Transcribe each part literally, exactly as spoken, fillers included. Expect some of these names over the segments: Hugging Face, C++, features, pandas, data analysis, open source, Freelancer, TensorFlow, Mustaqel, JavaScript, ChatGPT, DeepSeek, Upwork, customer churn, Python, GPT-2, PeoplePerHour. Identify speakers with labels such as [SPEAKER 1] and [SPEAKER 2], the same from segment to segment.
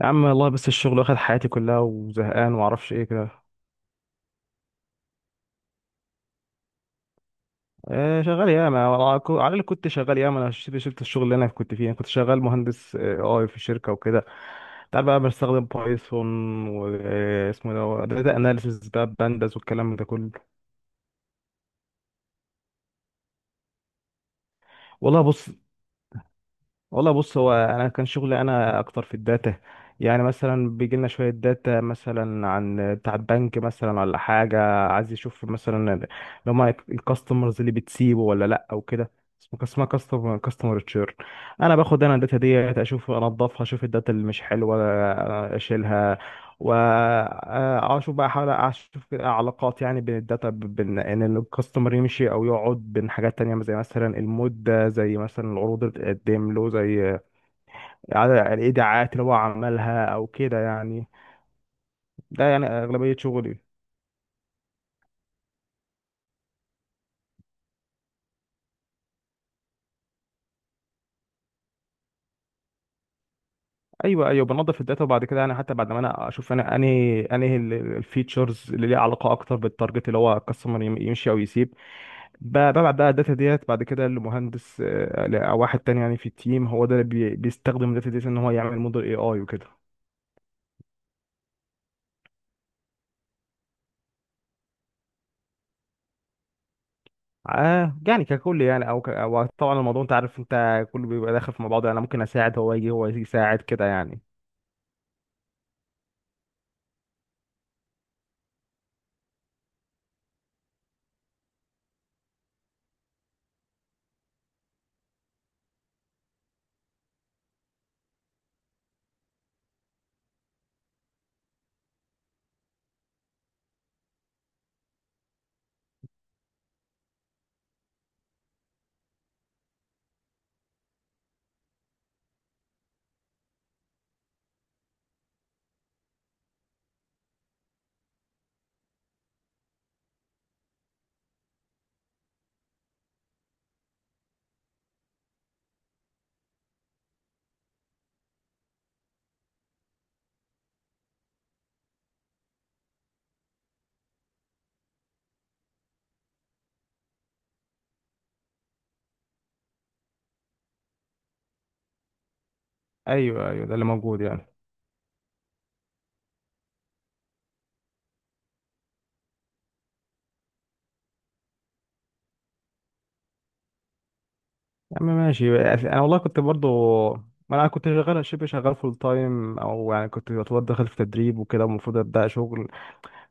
[SPEAKER 1] يا عم، والله بس الشغل واخد حياتي كلها وزهقان ومعرفش ايه كده. آه، شغال ياما، وعلى كو- على اللي كنت شغال ياما. انا شفت شفت الشغل اللي انا كنت فيه. انا كنت شغال مهندس آه، اي في شركه وكده. تعال بقى بستخدم بايثون. واسمه ده داتا اناليسيس بقى بانداس والكلام ده كله. والله بص والله بص هو انا كان شغلي انا اكتر في الداتا. يعني مثلا بيجي لنا شويه داتا مثلا عن بتاع البنك مثلا ولا حاجه. عايز يشوف مثلا ال- لو ما الكاستمرز اللي بتسيبه ولا لا او كده. اسمه اسمها كاستمر كاستمر تشيرن. انا باخد انا الداتا ديت، اشوف انضفها، اشوف الداتا اللي مش حلوه اشيلها. واشوف بقى، احاول اشوف كده علاقات، يعني بين الداتا، بين ان الكاستمر يمشي او يقعد، بين حاجات تانية زي مثلا المود ده، زي مثلا العروض اللي بتقدم له، زي عدد الايداعات اللي هو عملها او كده يعني. ده يعني اغلبية شغلي. ايوه، ايوه، بنظف الداتا وبعد كده، يعني حتى بعد ما انا اشوف انا انهي انهي الفيتشرز اللي ليها علاقه اكتر بالتارجت اللي هو الكاستمر يمشي او يسيب. ب- ببعت بقى الداتا ديت بعد كده لمهندس، آه، ل- او واحد تاني يعني في التيم، هو ده اللي بي- بيستخدم الداتا ديت ان هو يعمل موديل اي اي وكده. آه يعني ككل يعني، او ك... أو طبعا الموضوع انت عارف انت كله بيبقى داخل في مع بعضه يعني. انا ممكن اساعد، هو يجي هو يجي يساعد كده يعني. ايوه، ايوه، ده اللي موجود يعني. يا عم، ماشي. انا والله كنت برضو، ما انا كنت شغال شبه شغال فول تايم، او يعني كنت يعتبر داخل في تدريب وكده المفروض ابدا شغل.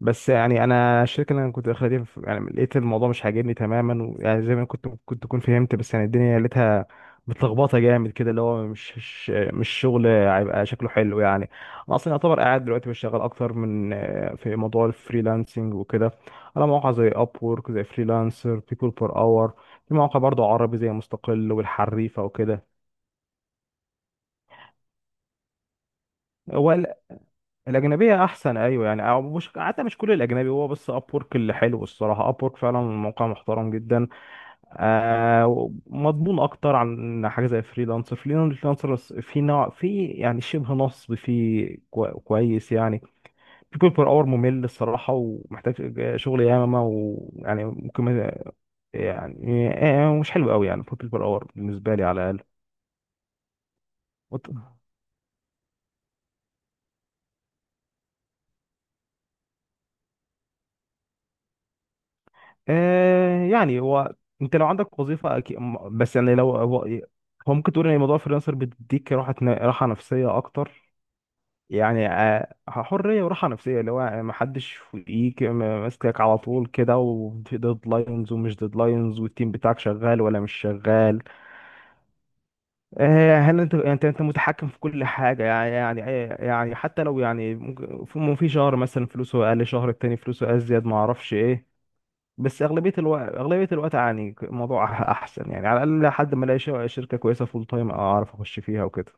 [SPEAKER 1] بس يعني انا الشركه اللي انا كنت داخلها دي، ف- يعني لقيت الموضوع مش عاجبني تماما، ويعني زي ما كنت كنت تكون فهمت، بس يعني الدنيا لقيتها متلخبطه جامد كده، اللي هو مش مش مش شغل هيبقى شكله حلو يعني. انا اصلا يعتبر قاعد دلوقتي بشتغل اكتر من آه، في موضوع الفريلانسنج وكده، على مواقع زي اب وورك، زي فريلانسر، بيبول بير اور. في مواقع برضو عربي زي مستقل والحريفه وكده. هو ال- الاجنبيه احسن، ايوه يعني. أو مش، حتى مش كل الاجنبي، هو بس اب وورك اللي حلو الصراحه. اب وورك فعلا موقع محترم جدا. آه مضمون اكتر عن حاجه زي فريلانسر. فريلانسر في نوع، في يعني شبه نصب، في كو- كويس يعني. بيكون بير اور ممل الصراحه، ومحتاج شغل ياما، ويعني ممكن ما- يعني آه، مش حلو قوي يعني، بيكون بير اور بالنسبه لي على الاقل. وط- آه يعني هو، انت لو عندك وظيفه أكيد. بس يعني لو هو هو ممكن تقول ان موضوع فريلانسر بيديك راحه راحه نفسيه اكتر. يعني آه، حريه وراحه نفسيه، اللي هو ما حدش فوقيك ما- ماسكك على طول كده، وديدلاينز ومش ديدلاينز، والتيم بتاعك شغال ولا مش شغال. آه، هل انت انت انت متحكم في كل حاجه يعني يعني آه، يعني حتى لو يعني ممكن- في في شهر مثلا فلوسه اقل، شهر التاني فلوسه ازيد، ما اعرفش ايه. بس اغلبيه الوقت اغلبيه الوقت يعني الموضوع أح- احسن يعني، على الاقل لحد ما الاقي ش- شركه كويسه فول تايم اعرف اخش فيها وكده.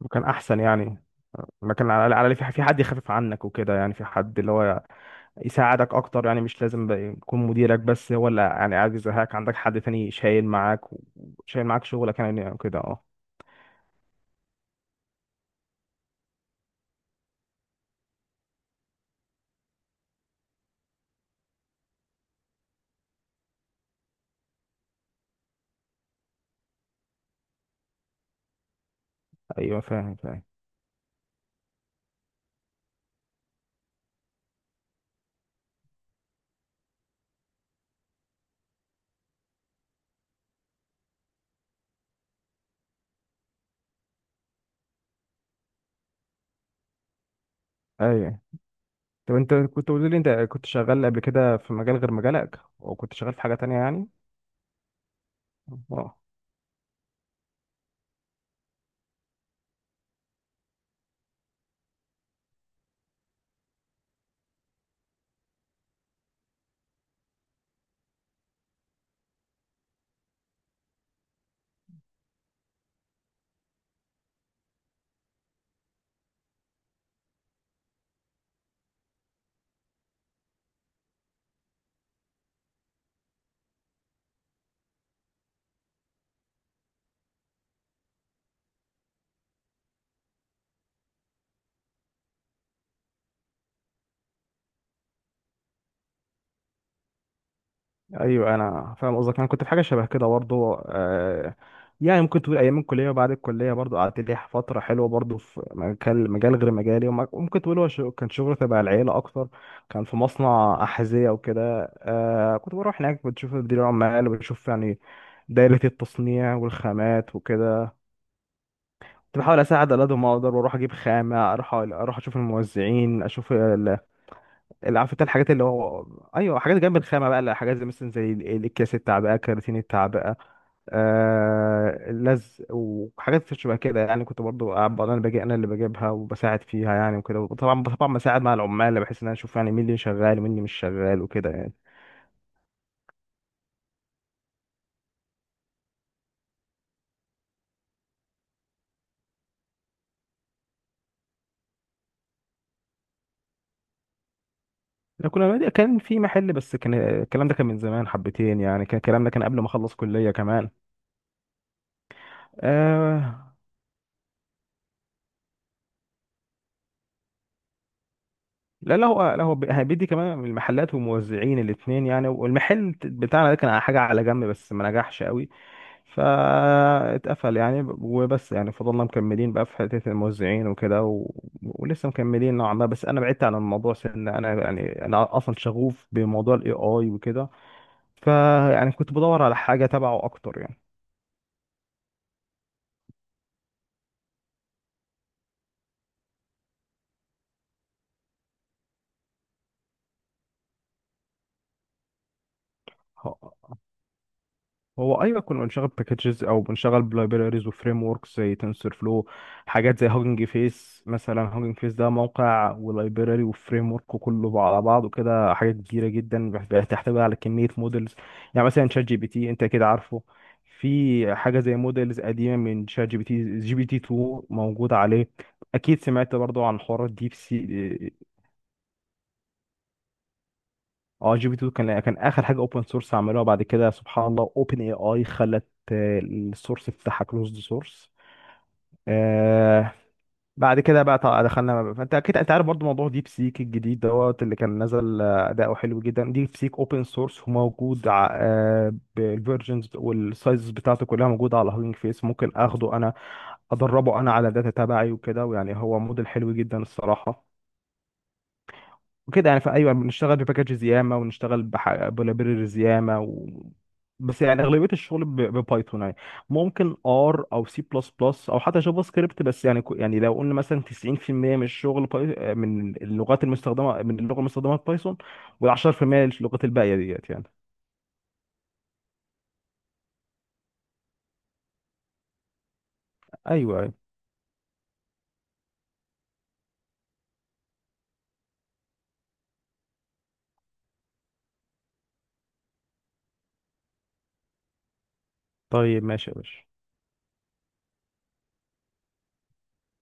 [SPEAKER 1] وكان احسن يعني، لكن على على في في حد يخفف عنك وكده، يعني في حد اللي هو يساعدك اكتر، يعني مش لازم بقى يكون مديرك، بس هو اللي يعني قاعد يزهقك، عندك حد تاني شايل معاك شايل معاك شغلك يعني كده اه. ايوه، فاهم فاهم. ايوه، طب انت كنت قلت لي انت كنت شغال قبل كده في مجال غير مجالك، وكنت شغال في حاجة تانية يعني. اه. ايوه، انا فاهم قصدك. انا كنت في حاجه شبه كده برضه آه. يعني ممكن تقول ايام الكليه وبعد الكليه برضه قعدت لي فتره حلوه برضه في مجال مجال غير مجالي، وم- وممكن تقول هو شغ- كان شغل تبع العيله اكتر. كان في مصنع احذيه وكده. آه كنت بروح هناك، بتشوف مدير العمال وبشوف يعني دايره التصنيع والخامات وكده. كنت بحاول اساعد على قد ما اقدر، واروح اجيب خامه، اروح اروح اشوف الموزعين، اشوف اللي عارف انت الحاجات اللي هو. ايوه حاجات جنب الخامه بقى، لا، حاجات زي مثلا زي ال- الاكياس التعبئه، كراتين التعبئه، آه اللزق وحاجات شبه كده يعني. كنت برضو قاعد- انا اللي باجي، انا اللي بجيبها وبساعد فيها يعني وكده. طبعا طبعا بساعد مع العمال، بحيث ان انا اشوف يعني مين اللي شغال ومين اللي مش شغال وكده يعني. احنا كنا كان في محل، بس كان الكلام ده كان من زمان حبتين يعني، كان الكلام ده كان قبل ما اخلص كليه كمان. آه، لا، لا، هو لا هو بي- بيدي كمان المحلات والموزعين الاثنين يعني. والمحل بتاعنا ده كان على حاجة على جنب بس ما نجحش قوي. فاتقفل يعني، ب- وبس، يعني فضلنا مكملين بقى في حتة الموزعين وكده و... ولسه مكملين نوعا ما، بس انا بعدت عن الموضوع سن انا يعني، انا اصلا شغوف بموضوع الاي اي وكده، فيعني كنت بدور على حاجة تبعه اكتر. يعني هو، ايوه، كنا بنشغل باكجز او بنشغل بلايبريز وفريم وركس زي تنسور فلو، حاجات زي هوجنج فيس مثلا. هوجنج فيس ده موقع ولايبراري وفريم ورك وكله على بعضه كده، حاجه كبيره جدا بتحتوي على كميه مودلز. يعني مثلا شات جي بي تي انت كده عارفه. في حاجه زي مودلز قديمه من شات جي بي تي، جي بي تي تو موجوده عليه. اكيد سمعت برضو عن حوار الديب سي. اه، جي بي تو كان كان اخر حاجه اوبن سورس عملوها. بعد كده سبحان الله اوبن اي اي خلت آه، السورس بتاعها كلوزد سورس. آه. بعد كده بقى طبعا دخلنا. فانت اكيد انت عارف برضو موضوع ديب سيك الجديد دوت اللي كان نزل، آه، اداؤه حلو جدا. ديب سيك اوبن سورس وموجود ع- آه بالفيرجنز والسايزز بتاعته كلها موجوده على هاجينج فيس. ممكن اخده انا ادربه انا على الداتا تبعي وكده، ويعني هو موديل حلو جدا الصراحه. وكده يعني، فايوه بنشتغل بباكجز ياما ونشتغل بح- بلايبريز ياما و... بس يعني اغلبيه الشغل ب- ببايثون يعني. ممكن ار او سي بلس بلس او حتى جافا سكريبت، بس يعني كو- يعني لو قلنا مثلا تسعين في المية من الشغل باي... من اللغات المستخدمه من اللغه المستخدمه في بايثون، وال10% اللغات الباقيه ديت يعني. ايوه، أيوة. طيب ماشي يا باشا.